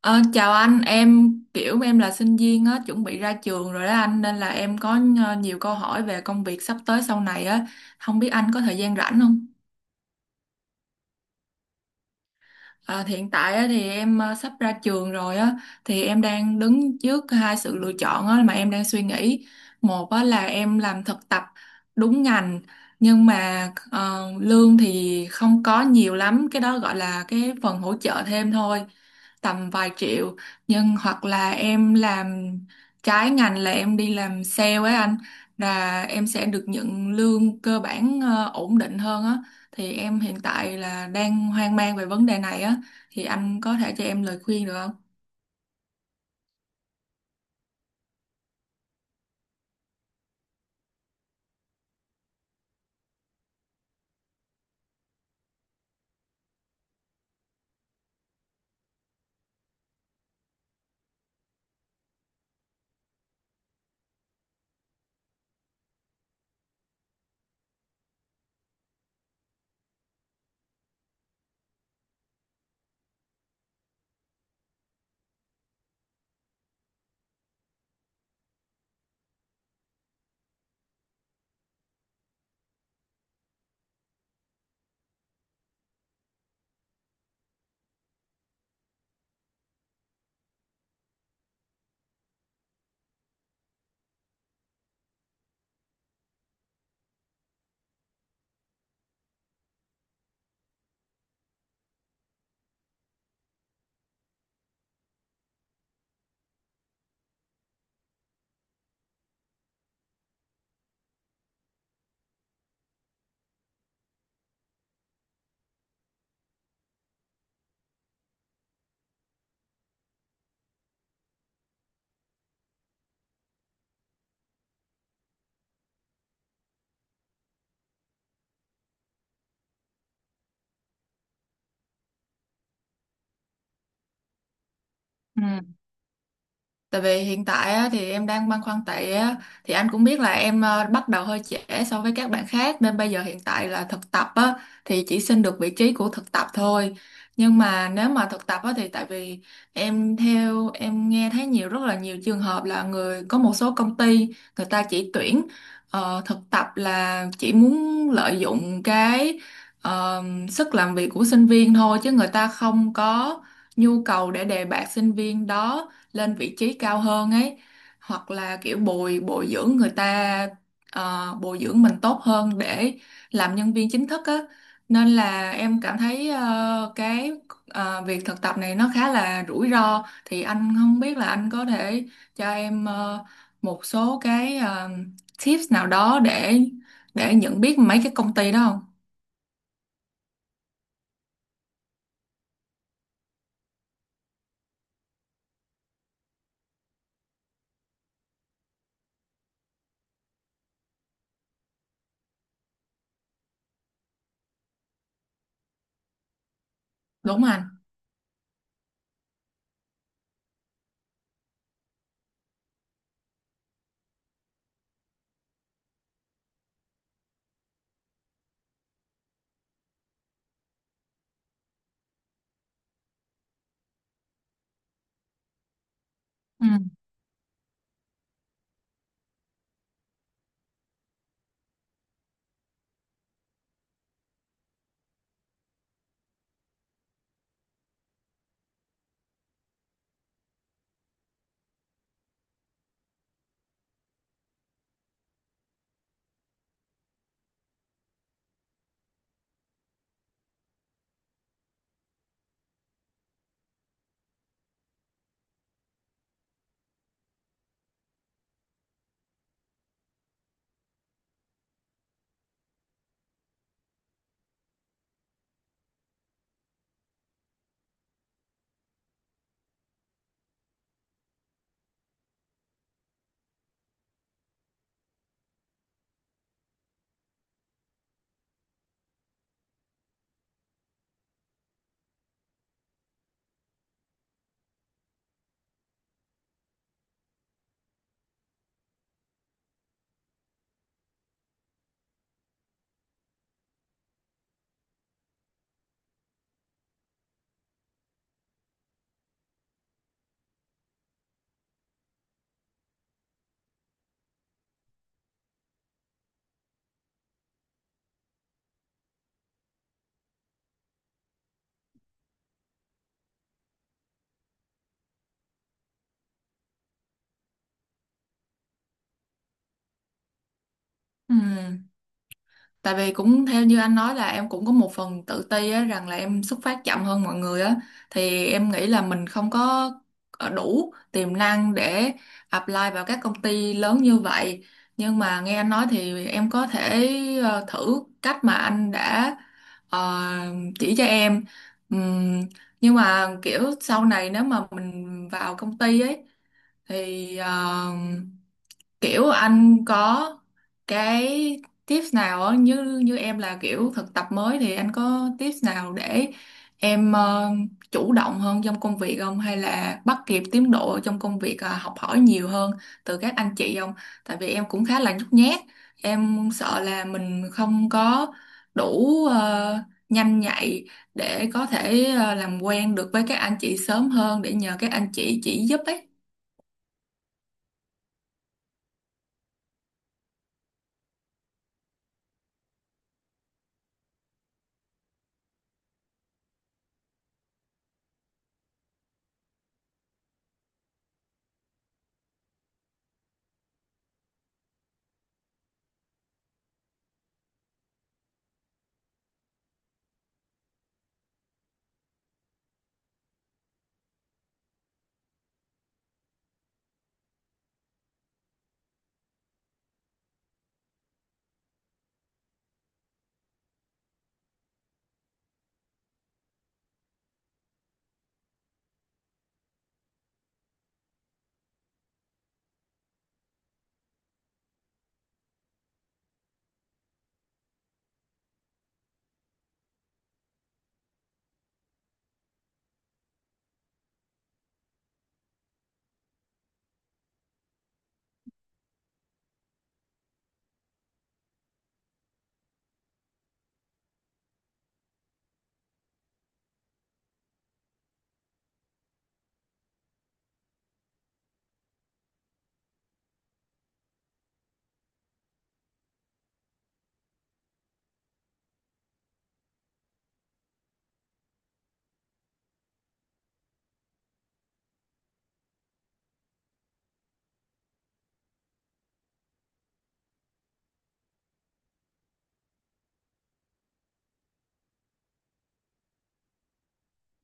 Ờ, Chào anh, em kiểu em là sinh viên á, chuẩn bị ra trường rồi đó anh, nên là em có nhiều câu hỏi về công việc sắp tới sau này á, không biết anh có thời gian rảnh không? À, thì hiện tại á, thì em sắp ra trường rồi á, thì em đang đứng trước hai sự lựa chọn á, mà em đang suy nghĩ. Một á, là em làm thực tập đúng ngành, nhưng mà lương thì không có nhiều lắm, cái đó gọi là cái phần hỗ trợ thêm thôi, tầm vài triệu. Nhưng hoặc là em làm trái ngành, là em đi làm sale ấy anh, là em sẽ được nhận lương cơ bản ổn định hơn á. Thì em hiện tại là đang hoang mang về vấn đề này á, thì anh có thể cho em lời khuyên được không? Ừ. Tại vì hiện tại á, thì em đang băn khoăn tại á, thì anh cũng biết là em bắt đầu hơi trễ so với các bạn khác, nên bây giờ hiện tại là thực tập á, thì chỉ xin được vị trí của thực tập thôi. Nhưng mà nếu mà thực tập á, thì tại vì em, theo em nghe thấy rất là nhiều trường hợp là có một số công ty người ta chỉ tuyển thực tập là chỉ muốn lợi dụng cái ờ, sức làm việc của sinh viên thôi, chứ người ta không có nhu cầu để đề bạt sinh viên đó lên vị trí cao hơn ấy, hoặc là kiểu bồi bồi dưỡng người ta, bồi dưỡng mình tốt hơn để làm nhân viên chính thức á. Nên là em cảm thấy cái việc thực tập này nó khá là rủi ro, thì anh không biết là anh có thể cho em một số cái tips nào đó để nhận biết mấy cái công ty đó không, đúng không anh? Ừ. Ừ. Tại vì cũng theo như anh nói là em cũng có một phần tự ti á, rằng là em xuất phát chậm hơn mọi người á, thì em nghĩ là mình không có đủ tiềm năng để apply vào các công ty lớn như vậy. Nhưng mà nghe anh nói thì em có thể thử cách mà anh đã ờ, chỉ cho em. Ừm, nhưng mà kiểu sau này nếu mà mình vào công ty ấy thì kiểu anh có cái tips nào á, như như em là kiểu thực tập mới, thì anh có tips nào để em chủ động hơn trong công việc không, hay là bắt kịp tiến độ trong công việc, học hỏi nhiều hơn từ các anh chị không? Tại vì em cũng khá là nhút nhát, em sợ là mình không có đủ nhanh nhạy để có thể làm quen được với các anh chị sớm hơn để nhờ các anh chị chỉ giúp ấy.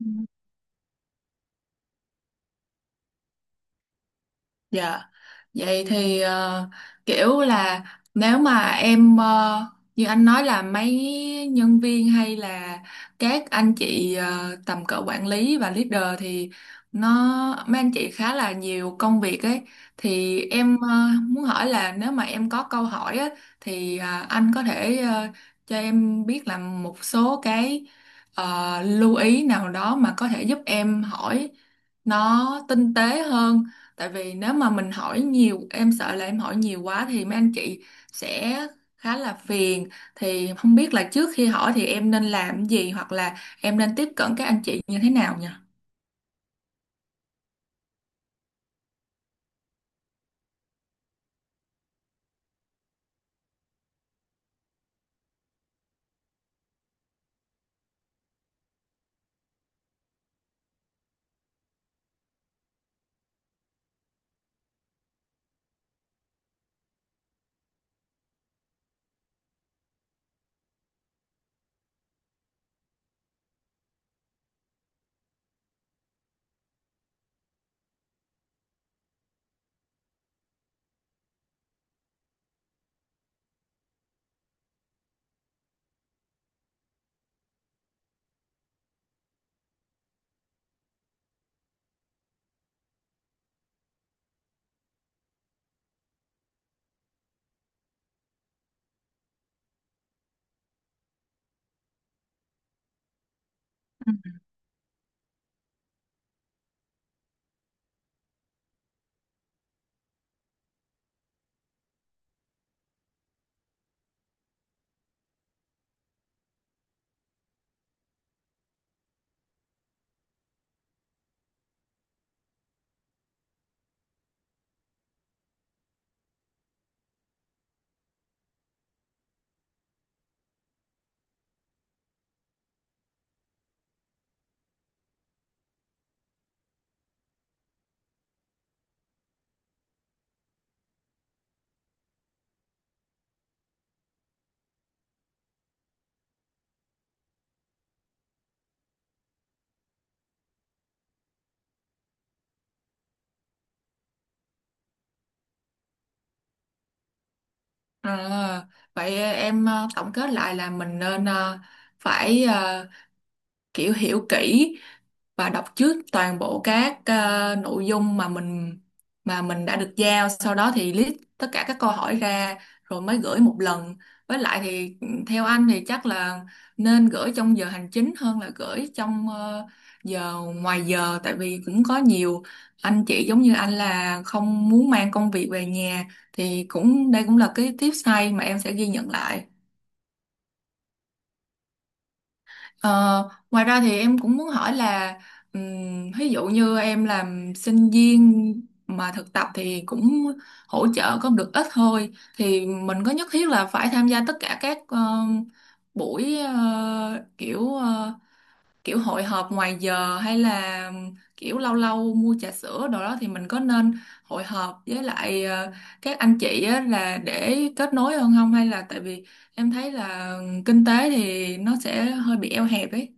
Ừ. Dạ. Vậy thì kiểu là nếu mà em như anh nói là mấy nhân viên hay là các anh chị tầm cỡ quản lý và leader, thì nó mấy anh chị khá là nhiều công việc ấy, thì em muốn hỏi là nếu mà em có câu hỏi á, thì à, anh có thể cho em biết là một số cái lưu ý nào đó mà có thể giúp em hỏi nó tinh tế hơn. Tại vì nếu mà mình hỏi nhiều, em sợ là em hỏi nhiều quá thì mấy anh chị sẽ khá là phiền. Thì không biết là trước khi hỏi thì em nên làm cái gì, hoặc là em nên tiếp cận các anh chị như thế nào nhỉ? À, vậy em tổng kết lại là mình nên phải kiểu hiểu kỹ và đọc trước toàn bộ các nội dung mà mình đã được giao, sau đó thì list tất cả các câu hỏi ra rồi mới gửi một lần. Với lại thì theo anh thì chắc là nên gửi trong giờ hành chính hơn là gửi trong giờ ngoài giờ, tại vì cũng có nhiều anh chị giống như anh là không muốn mang công việc về nhà. Thì cũng đây cũng là cái tips hay mà em sẽ ghi nhận lại. Ờ, Ngoài ra thì em cũng muốn hỏi là, ví dụ như em làm sinh viên mà thực tập thì cũng hỗ trợ có được ít thôi, thì mình có nhất thiết là phải tham gia tất cả các buổi kiểu hội họp ngoài giờ, hay là kiểu lâu lâu mua trà sữa đồ đó, thì mình có nên hội họp với lại các anh chị á là để kết nối hơn không, hay là tại vì em thấy là kinh tế thì nó sẽ hơi bị eo hẹp ấy?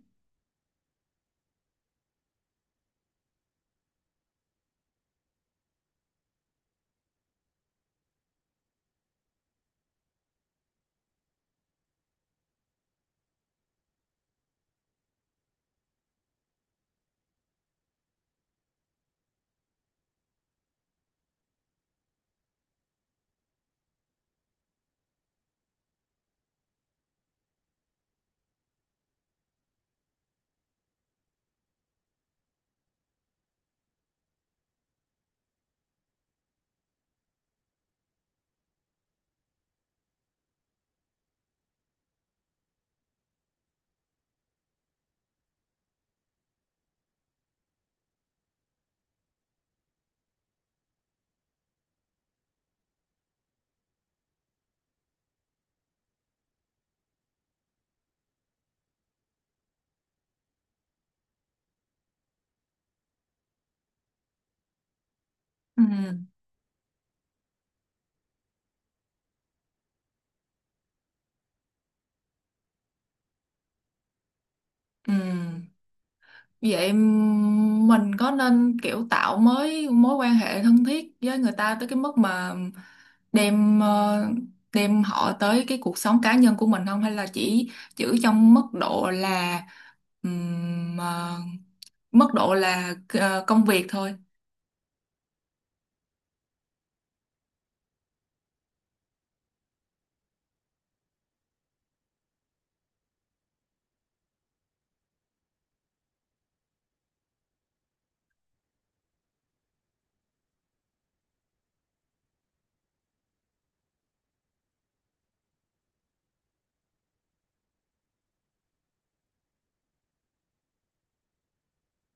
Ừ, ừ. Vậy mình có nên kiểu tạo mới mối quan hệ thân thiết với người ta tới cái mức mà đem ờ, đem họ tới cái cuộc sống cá nhân của mình không, hay là chỉ giữ trong mức độ là ờ, mức độ là ờ, công việc thôi?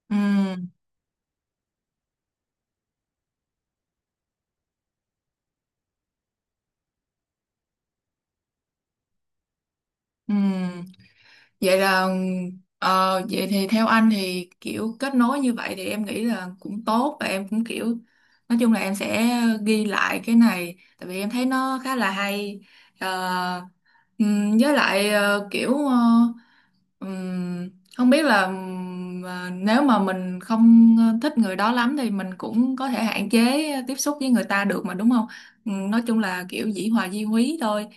Ừ, ừ. Vậy là vậy thì theo anh thì kiểu kết nối như vậy thì em nghĩ là cũng tốt, và em cũng kiểu nói chung là em sẽ ghi lại cái này, tại vì em thấy nó khá là hay. Ờ, với lại kiểu ừm, không biết là nếu mà mình không thích người đó lắm thì mình cũng có thể hạn chế tiếp xúc với người ta được mà, đúng không? Nói chung là kiểu dĩ hòa vi quý thôi.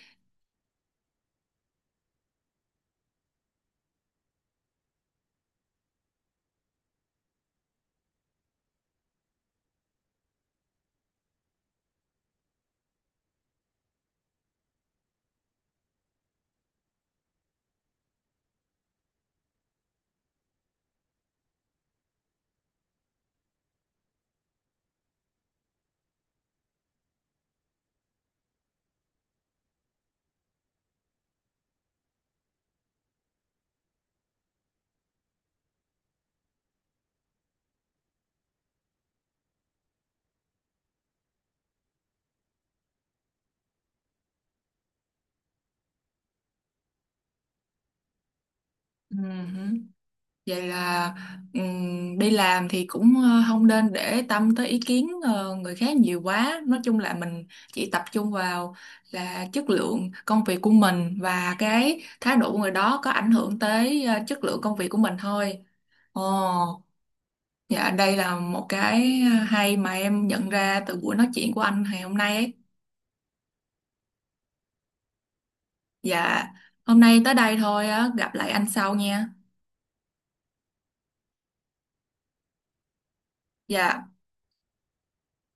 Ừm. Vậy là đi làm thì cũng không nên để tâm tới ý kiến người khác nhiều quá. Nói chung là mình chỉ tập trung vào là chất lượng công việc của mình, và cái thái độ của người đó có ảnh hưởng tới chất lượng công việc của mình thôi. Ồ, dạ, đây là một cái hay mà em nhận ra từ buổi nói chuyện của anh ngày hôm nay ấy. Dạ, hôm nay tới đây thôi á, gặp lại anh sau nha. Dạ.